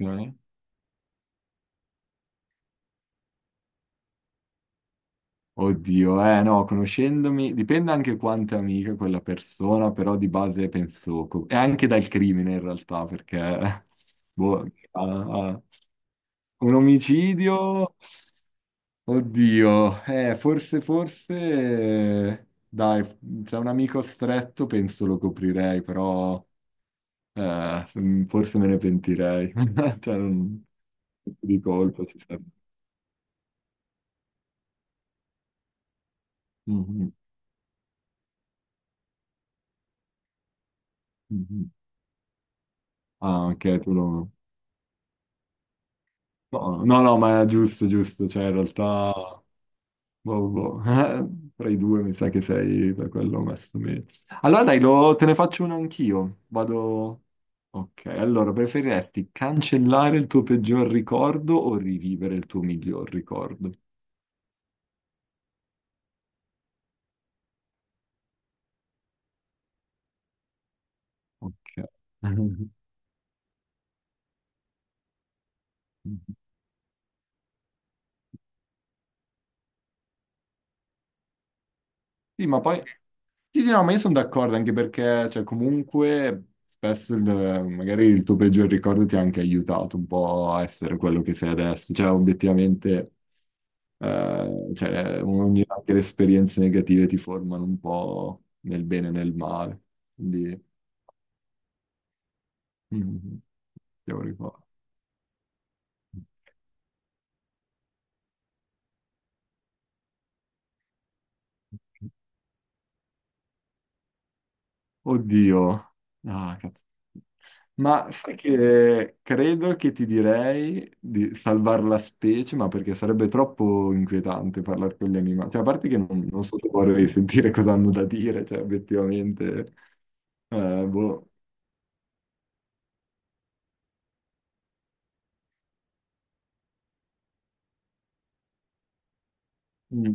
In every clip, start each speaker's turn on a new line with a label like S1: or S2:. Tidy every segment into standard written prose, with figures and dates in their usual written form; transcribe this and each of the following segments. S1: Ok. Oddio, eh no, conoscendomi, dipende anche quanto è amica quella persona, però di base penso, e anche dal crimine in realtà, perché boh, ah, ah. Un omicidio, oddio, forse, forse, dai, se è un amico stretto penso lo coprirei, però forse me ne pentirei, cioè di colpa ci sarebbe. Mhm, mhm. Ah, ok, tu lo... No, no, no, ma è giusto, giusto, cioè in realtà, boh, boh, tra i due mi sa che sei da quello messo meglio. Allora dai, te ne faccio una anch'io, vado... Ok, allora, preferiresti cancellare il tuo peggior ricordo o rivivere il tuo miglior ricordo? Ok. Sì, ma poi... Sì, sì, no, ma io sono d'accordo anche perché, cioè, comunque, spesso magari il tuo peggior ricordo ti ha anche aiutato un po' a essere quello che sei adesso. Cioè, obiettivamente, cioè, anche le esperienze negative ti formano un po' nel bene e nel male. Quindi, mm, ti ricordo. Oddio. Ah, cazzo. Ma sai che credo che ti direi di salvare la specie, ma perché sarebbe troppo inquietante parlare con gli animali. Cioè, a parte che non, non so se vorrei sentire cosa hanno da dire, cioè, obiettivamente. Boh. Mm.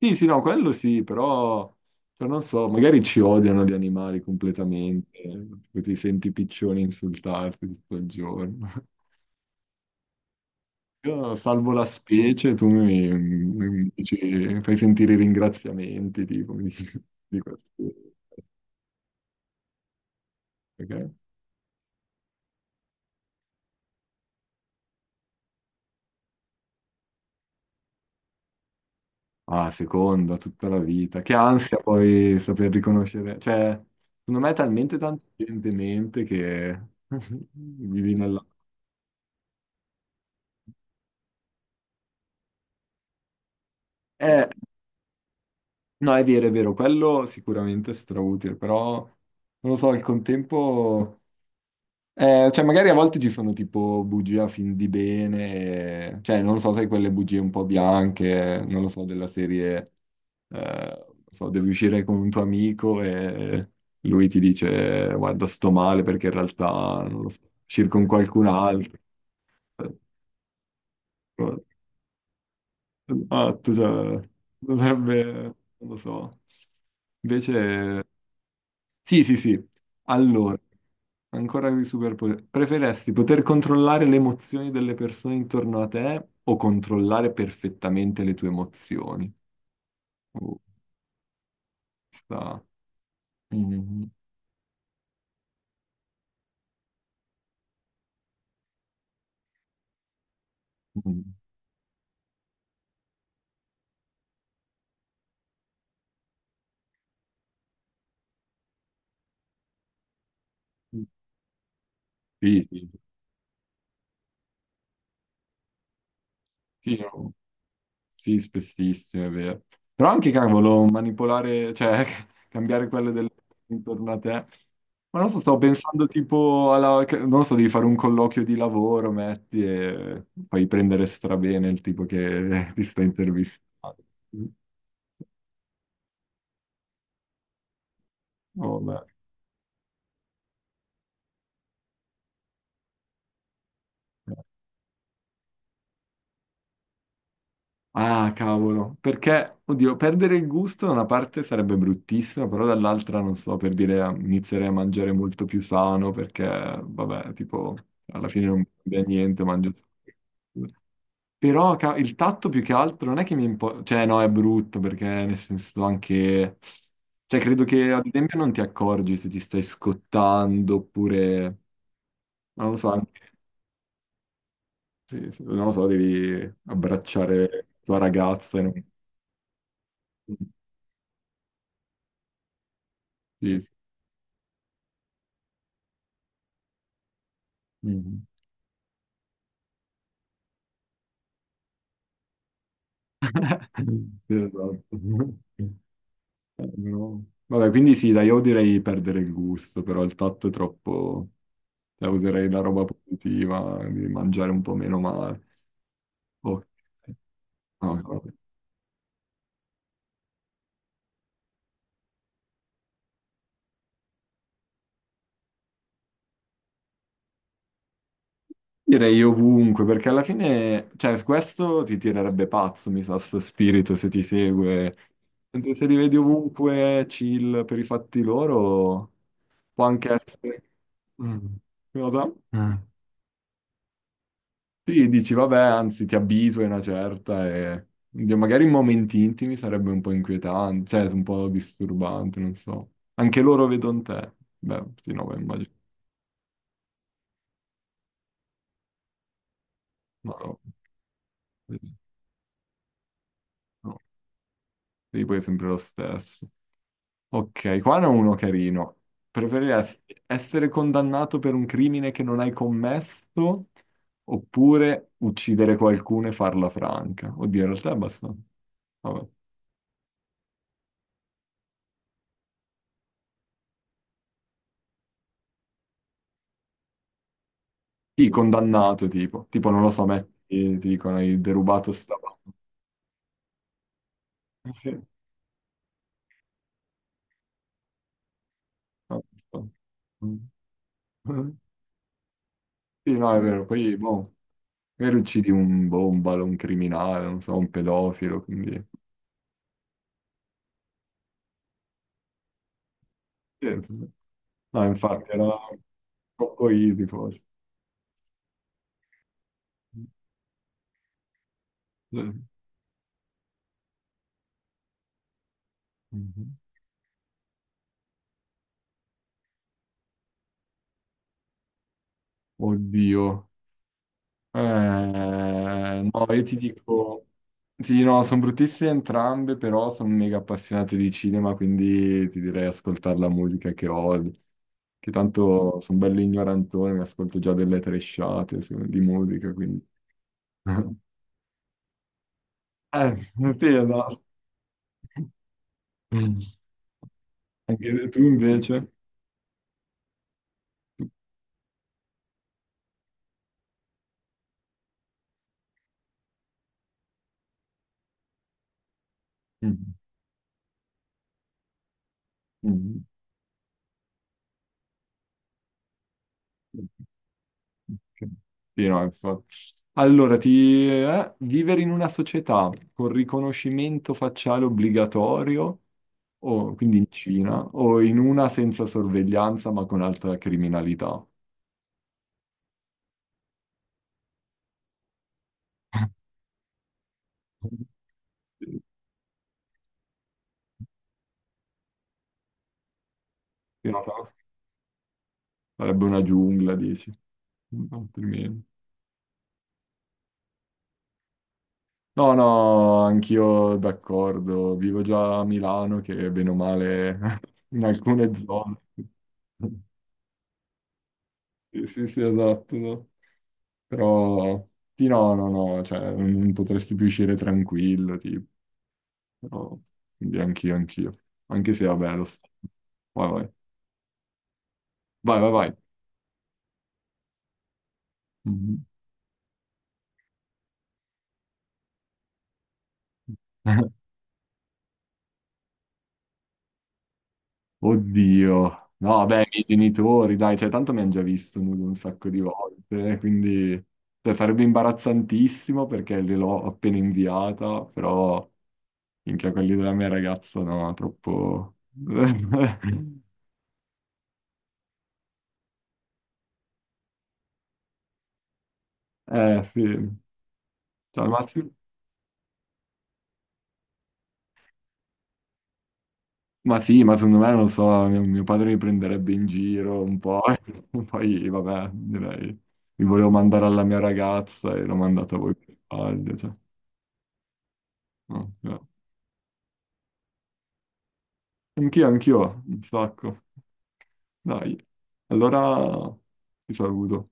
S1: Sì, sì, no, quello sì, però cioè, non so, magari ci odiano gli animali completamente, ti senti i piccioni insultarti tutto il giorno. Io salvo la specie, tu mi fai sentire i ringraziamenti, tipo, mi dici- di questi- ok? Ah, seconda, tutta la vita. Che ansia poi saper riconoscere. Cioè, secondo me è talmente tanto gente in mente che vivi nella... Eh, no, è vero, quello sicuramente è strautile, però non lo so, al contempo... Cioè, magari a volte ci sono tipo bugie a fin di bene, cioè, non lo so, sai, quelle bugie un po' bianche, non lo so, della serie, non so, devi uscire con un tuo amico e lui ti dice, guarda, sto male perché in realtà, non lo so, uscire con qualcun altro. Eh, Esatto, cioè, dovrebbe, non lo so. Invece... Sì, sì, sì. Allora, ancora i superpoteri. Preferesti poter controllare le emozioni delle persone intorno a te o controllare perfettamente le tue emozioni? Oh, sta... Mm, mm. Mm. Sì, sì, sì, sì, no. Sì, spessissimo, è vero. Però anche, cavolo, manipolare, cioè, cambiare quello intorno a te. Ma non so, stavo pensando tipo alla... Non lo so, devi fare un colloquio di lavoro, metti, e fai prendere strabene il tipo che ti sta intervistando. Mm. Oh, beh. eh. Ah, cavolo, perché, oddio, perdere il gusto da una parte sarebbe bruttissimo, però dall'altra, non so, per dire, inizierei a mangiare molto più sano, perché, vabbè, tipo, alla fine non cambia niente, mangio... solo. Però il tatto più che altro non è che mi importa, cioè no, è brutto, perché nel senso anche... Cioè, credo che, ad esempio, non ti accorgi se ti stai scottando, oppure, non lo so, sì, sì, non lo so, devi abbracciare la tua ragazza e non... Sì, sì. Mm. Esatto. No. Vabbè, quindi sì, dai, io direi perdere il gusto, però il tatto è troppo... Cioè, userei la roba positiva, di mangiare un po' meno male. Ok. No, vabbè. Direi ovunque, perché alla fine, cioè, su questo ti tirerebbe pazzo, mi sa, sto spirito, se ti segue. Mentre se li vedi ovunque, chill per i fatti loro, può anche essere... Mm. Cosa? Mm. Sì, dici, vabbè, anzi, ti avviso, è una certa, e oddio, magari in momenti intimi sarebbe un po' inquietante, cioè un po' disturbante, non so. Anche loro vedono te. Beh, sì, no, beh, immagino. No, no, sì, no. Sì, poi è sempre lo stesso. Ok, qua ne ho uno carino. Preferiresti essere condannato per un crimine che non hai commesso oppure uccidere qualcuno e farla franca? Oddio, in realtà è abbastanza... Vabbè. Sì, condannato tipo, non lo so, metti, ti dicono hai derubato sta... roba. Sì, no, no. Mm. Sì, no, è vero, poi boh, magari uccidi un bombalo, un criminale, non so, un pedofilo, quindi... Sì, sì. No, infatti era troppo easy forse. Sì. Mhm. Oddio. Eh, no, io ti dico, sì, no, sono bruttissime entrambe, però sono mega appassionato di cinema, quindi ti direi ascoltare la musica che odio, che tanto sono bello ignorantone, mi ascolto già delle tresciate di musica, quindi... Eh, sì, no. Anche tu invece? Mm. Mm. Ok. Sì, no, infatti. Allora, vivere in una società con riconoscimento facciale obbligatorio, o, quindi in Cina, o in una senza sorveglianza ma con alta criminalità. Sì, no, però sarebbe una giungla, dici. Altrimenti. No, no, anch'io d'accordo. Vivo già a Milano, che bene o male in alcune zone. Sì, sì, sì, esatto. No. Però sì, no, no, no, cioè non potresti più uscire tranquillo, tipo. Però, quindi anch'io, anch'io. Anche se, vabbè, Vai, vai. Vai, vai, vai. Mhm. Oddio. No, vabbè, i miei genitori, dai, cioè, tanto mi hanno già visto nudo un sacco di volte, quindi cioè, sarebbe imbarazzantissimo perché gliel'ho appena inviata, però minchia, quelli della mia ragazza no, troppo... sì. Cioè, al massimo... Ma sì, ma secondo me, non lo so, mio padre mi prenderebbe in giro un po', e poi vabbè, direi, mi volevo mandare alla mia ragazza e l'ho mandata voi per sbaglio, cioè, no, no. Anch'io, anch'io, un sacco. Dai, allora ti saluto.